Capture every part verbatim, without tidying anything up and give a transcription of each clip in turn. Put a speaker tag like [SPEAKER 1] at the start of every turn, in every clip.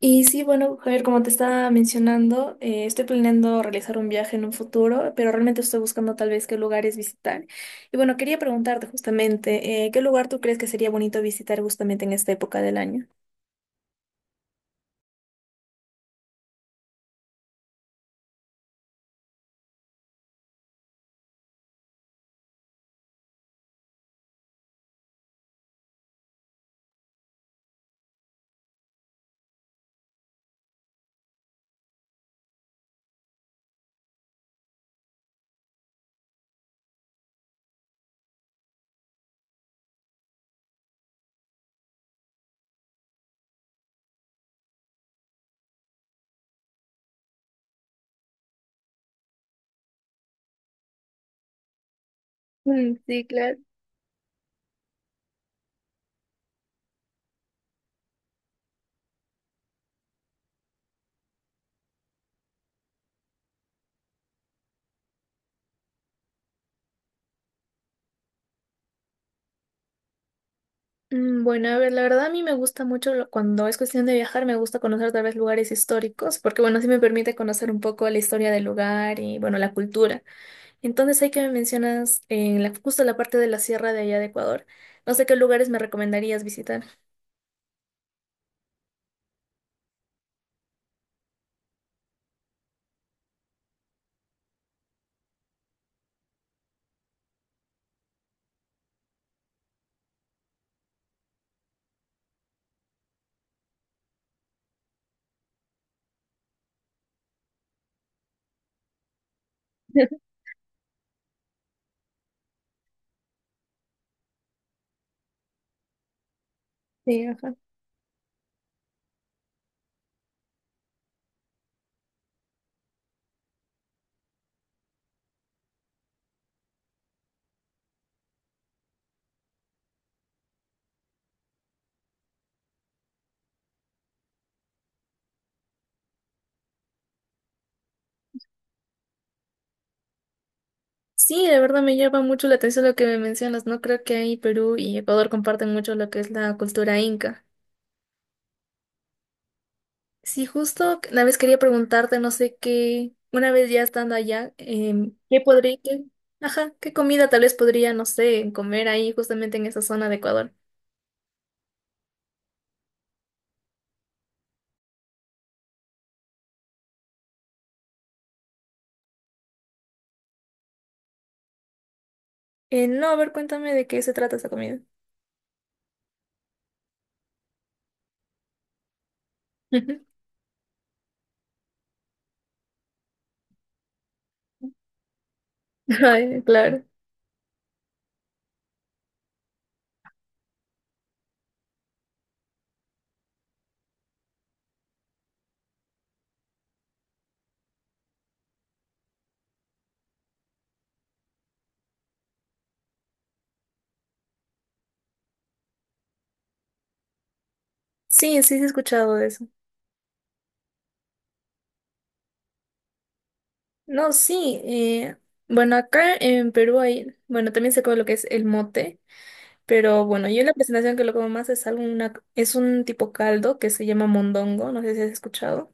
[SPEAKER 1] Y sí, bueno, Javier, como te estaba mencionando, eh, estoy planeando realizar un viaje en un futuro, pero realmente estoy buscando tal vez qué lugares visitar. Y bueno, quería preguntarte justamente, eh, ¿qué lugar tú crees que sería bonito visitar justamente en esta época del año? Mm, sí, claro. Mm, bueno, a ver, la verdad a mí me gusta mucho lo- cuando es cuestión de viajar, me gusta conocer tal vez lugares históricos, porque bueno, sí me permite conocer un poco la historia del lugar y bueno, la cultura. Entonces hay que me mencionas en la, justo la parte de la sierra de allá de Ecuador. No sé qué lugares me recomendarías visitar. Sí, ajá. Sí, de verdad me llama mucho la atención lo que me mencionas, ¿no? Creo que ahí Perú y Ecuador comparten mucho lo que es la cultura inca. Sí, justo una vez quería preguntarte, no sé qué, una vez ya estando allá, em, ¿qué podría, qué- ajá, qué comida tal vez podría, no sé, comer ahí justamente en esa zona de Ecuador? Eh, no, a ver, cuéntame de qué se trata esa comida. Ay, claro. Sí, sí, sí he escuchado de eso. No, sí. Eh, bueno, acá en Perú hay, bueno, también se come lo que es el mote, pero bueno, yo la presentación que lo como más es algo, una, es un tipo caldo que se llama mondongo, no sé si has escuchado.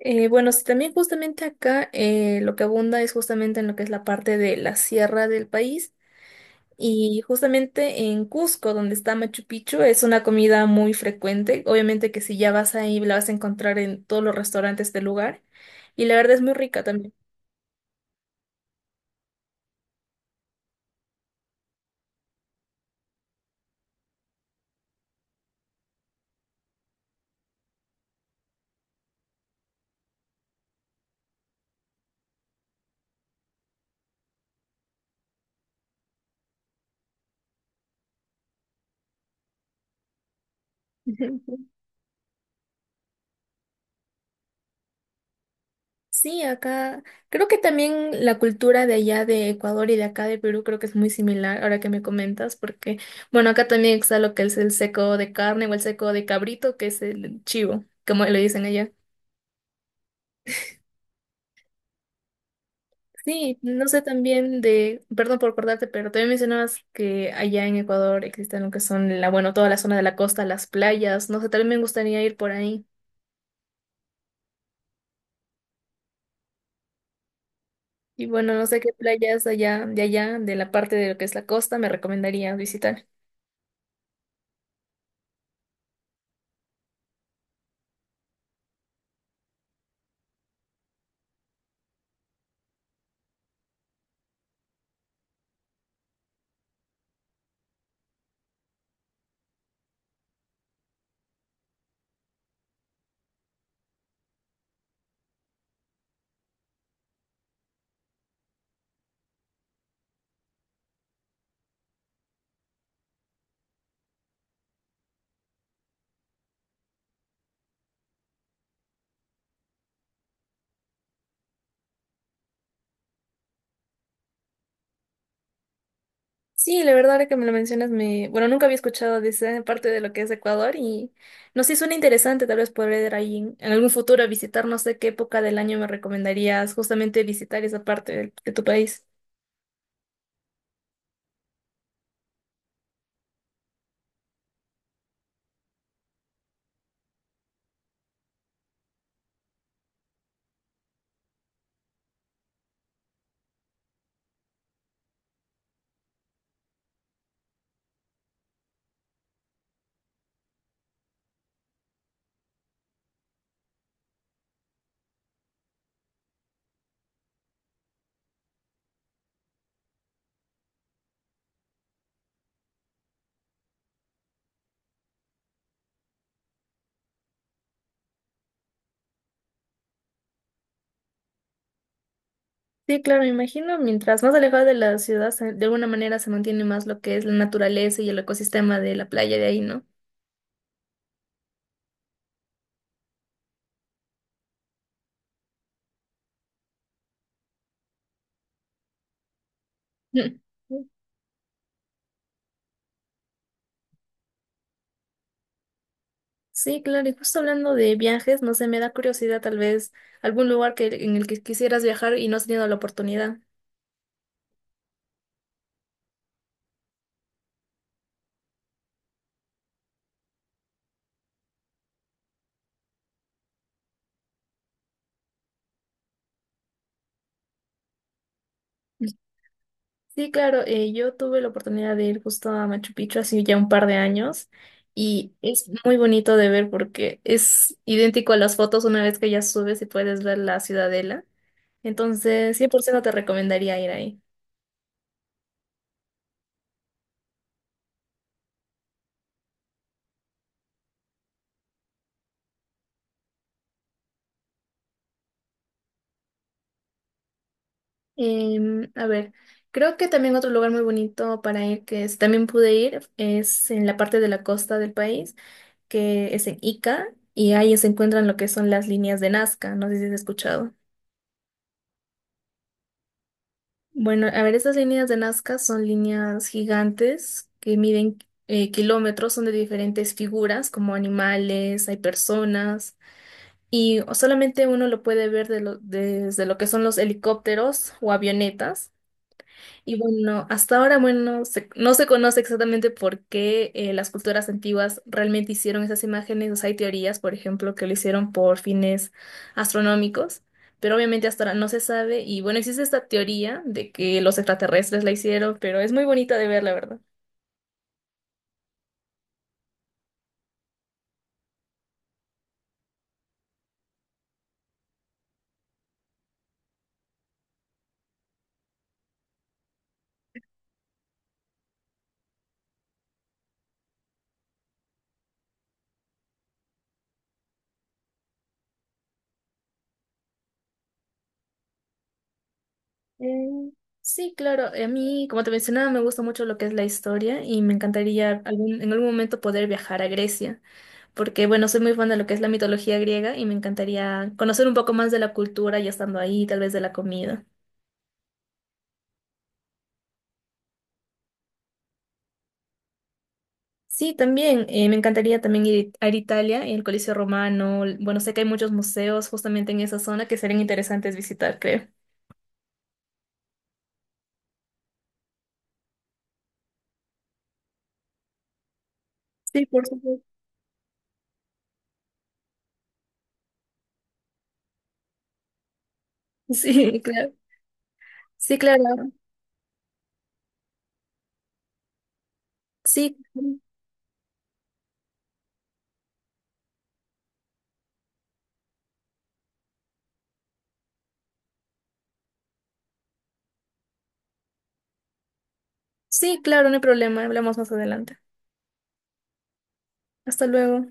[SPEAKER 1] Eh, bueno, sí, también justamente acá eh, lo que abunda es justamente en lo que es la parte de la sierra del país y justamente en Cusco, donde está Machu Picchu, es una comida muy frecuente. Obviamente que si ya vas ahí la vas a encontrar en todos los restaurantes del lugar. Y la verdad es muy rica también. Sí, acá creo que también la cultura de allá de Ecuador y de acá de Perú creo que es muy similar ahora que me comentas, porque bueno, acá también está lo que es el seco de carne o el seco de cabrito, que es el chivo, como le dicen allá. Sí, no sé también de, perdón por cortarte, pero también mencionabas que allá en Ecuador existen lo que son la, bueno, toda la zona de la costa, las playas, no sé, también me gustaría ir por ahí. Y bueno, no sé qué playas allá, de allá, de la parte de lo que es la costa, me recomendarías visitar. Sí, la verdad, ahora que me lo mencionas, me, bueno, nunca había escuchado de esa parte de lo que es Ecuador y no sé, suena interesante, tal vez poder ir ahí en, en algún futuro a visitar, no sé qué época del año me recomendarías justamente visitar esa parte del- de, tu país. Sí, claro, me imagino, mientras más alejado de la ciudad, se- de alguna manera se mantiene más lo que es la naturaleza y el ecosistema de la playa de ahí, ¿no? Mm. Sí, claro, y justo hablando de viajes, no sé, me da curiosidad tal vez algún lugar que, en el que quisieras viajar y no has tenido la oportunidad. Sí, claro, eh, yo tuve la oportunidad de ir justo a Machu Picchu hace ya un par de años y es muy bonito de ver porque es idéntico a las fotos una vez que ya subes y puedes ver la ciudadela. Entonces, cien por ciento te recomendaría ir ahí. Em, a ver, creo que también otro lugar muy bonito para ir que es- también pude ir es en la parte de la costa del país, que es en Ica, y ahí se encuentran lo que son las líneas de Nazca, no sé si has escuchado. Bueno, a ver, estas líneas de Nazca son líneas gigantes que miden eh, kilómetros, son de diferentes figuras, como animales, hay personas, y solamente uno lo puede ver de lo- desde lo que son los helicópteros o avionetas. Y bueno, hasta ahora, bueno, se- no se conoce exactamente por qué eh, las culturas antiguas realmente hicieron esas imágenes. O sea, hay teorías, por ejemplo, que lo hicieron por fines astronómicos, pero obviamente hasta ahora no se sabe. Y bueno, existe esta teoría de que los extraterrestres la hicieron, pero es muy bonita de ver, la verdad. Mm, sí, claro. A mí, como te mencionaba, me gusta mucho lo que es la historia y me encantaría algún- en algún momento poder viajar a Grecia. Porque bueno, soy muy fan de lo que es la mitología griega y me encantaría conocer un poco más de la cultura ya estando ahí, tal vez de la comida. Sí, también, eh, me encantaría también ir a Italia y el Coliseo Romano. Bueno, sé que hay muchos museos justamente en esa zona que serían interesantes visitar, creo. Sí, por supuesto. Sí, claro. Sí, claro. Sí, sí, claro, no hay problema. Hablamos más adelante. Hasta luego.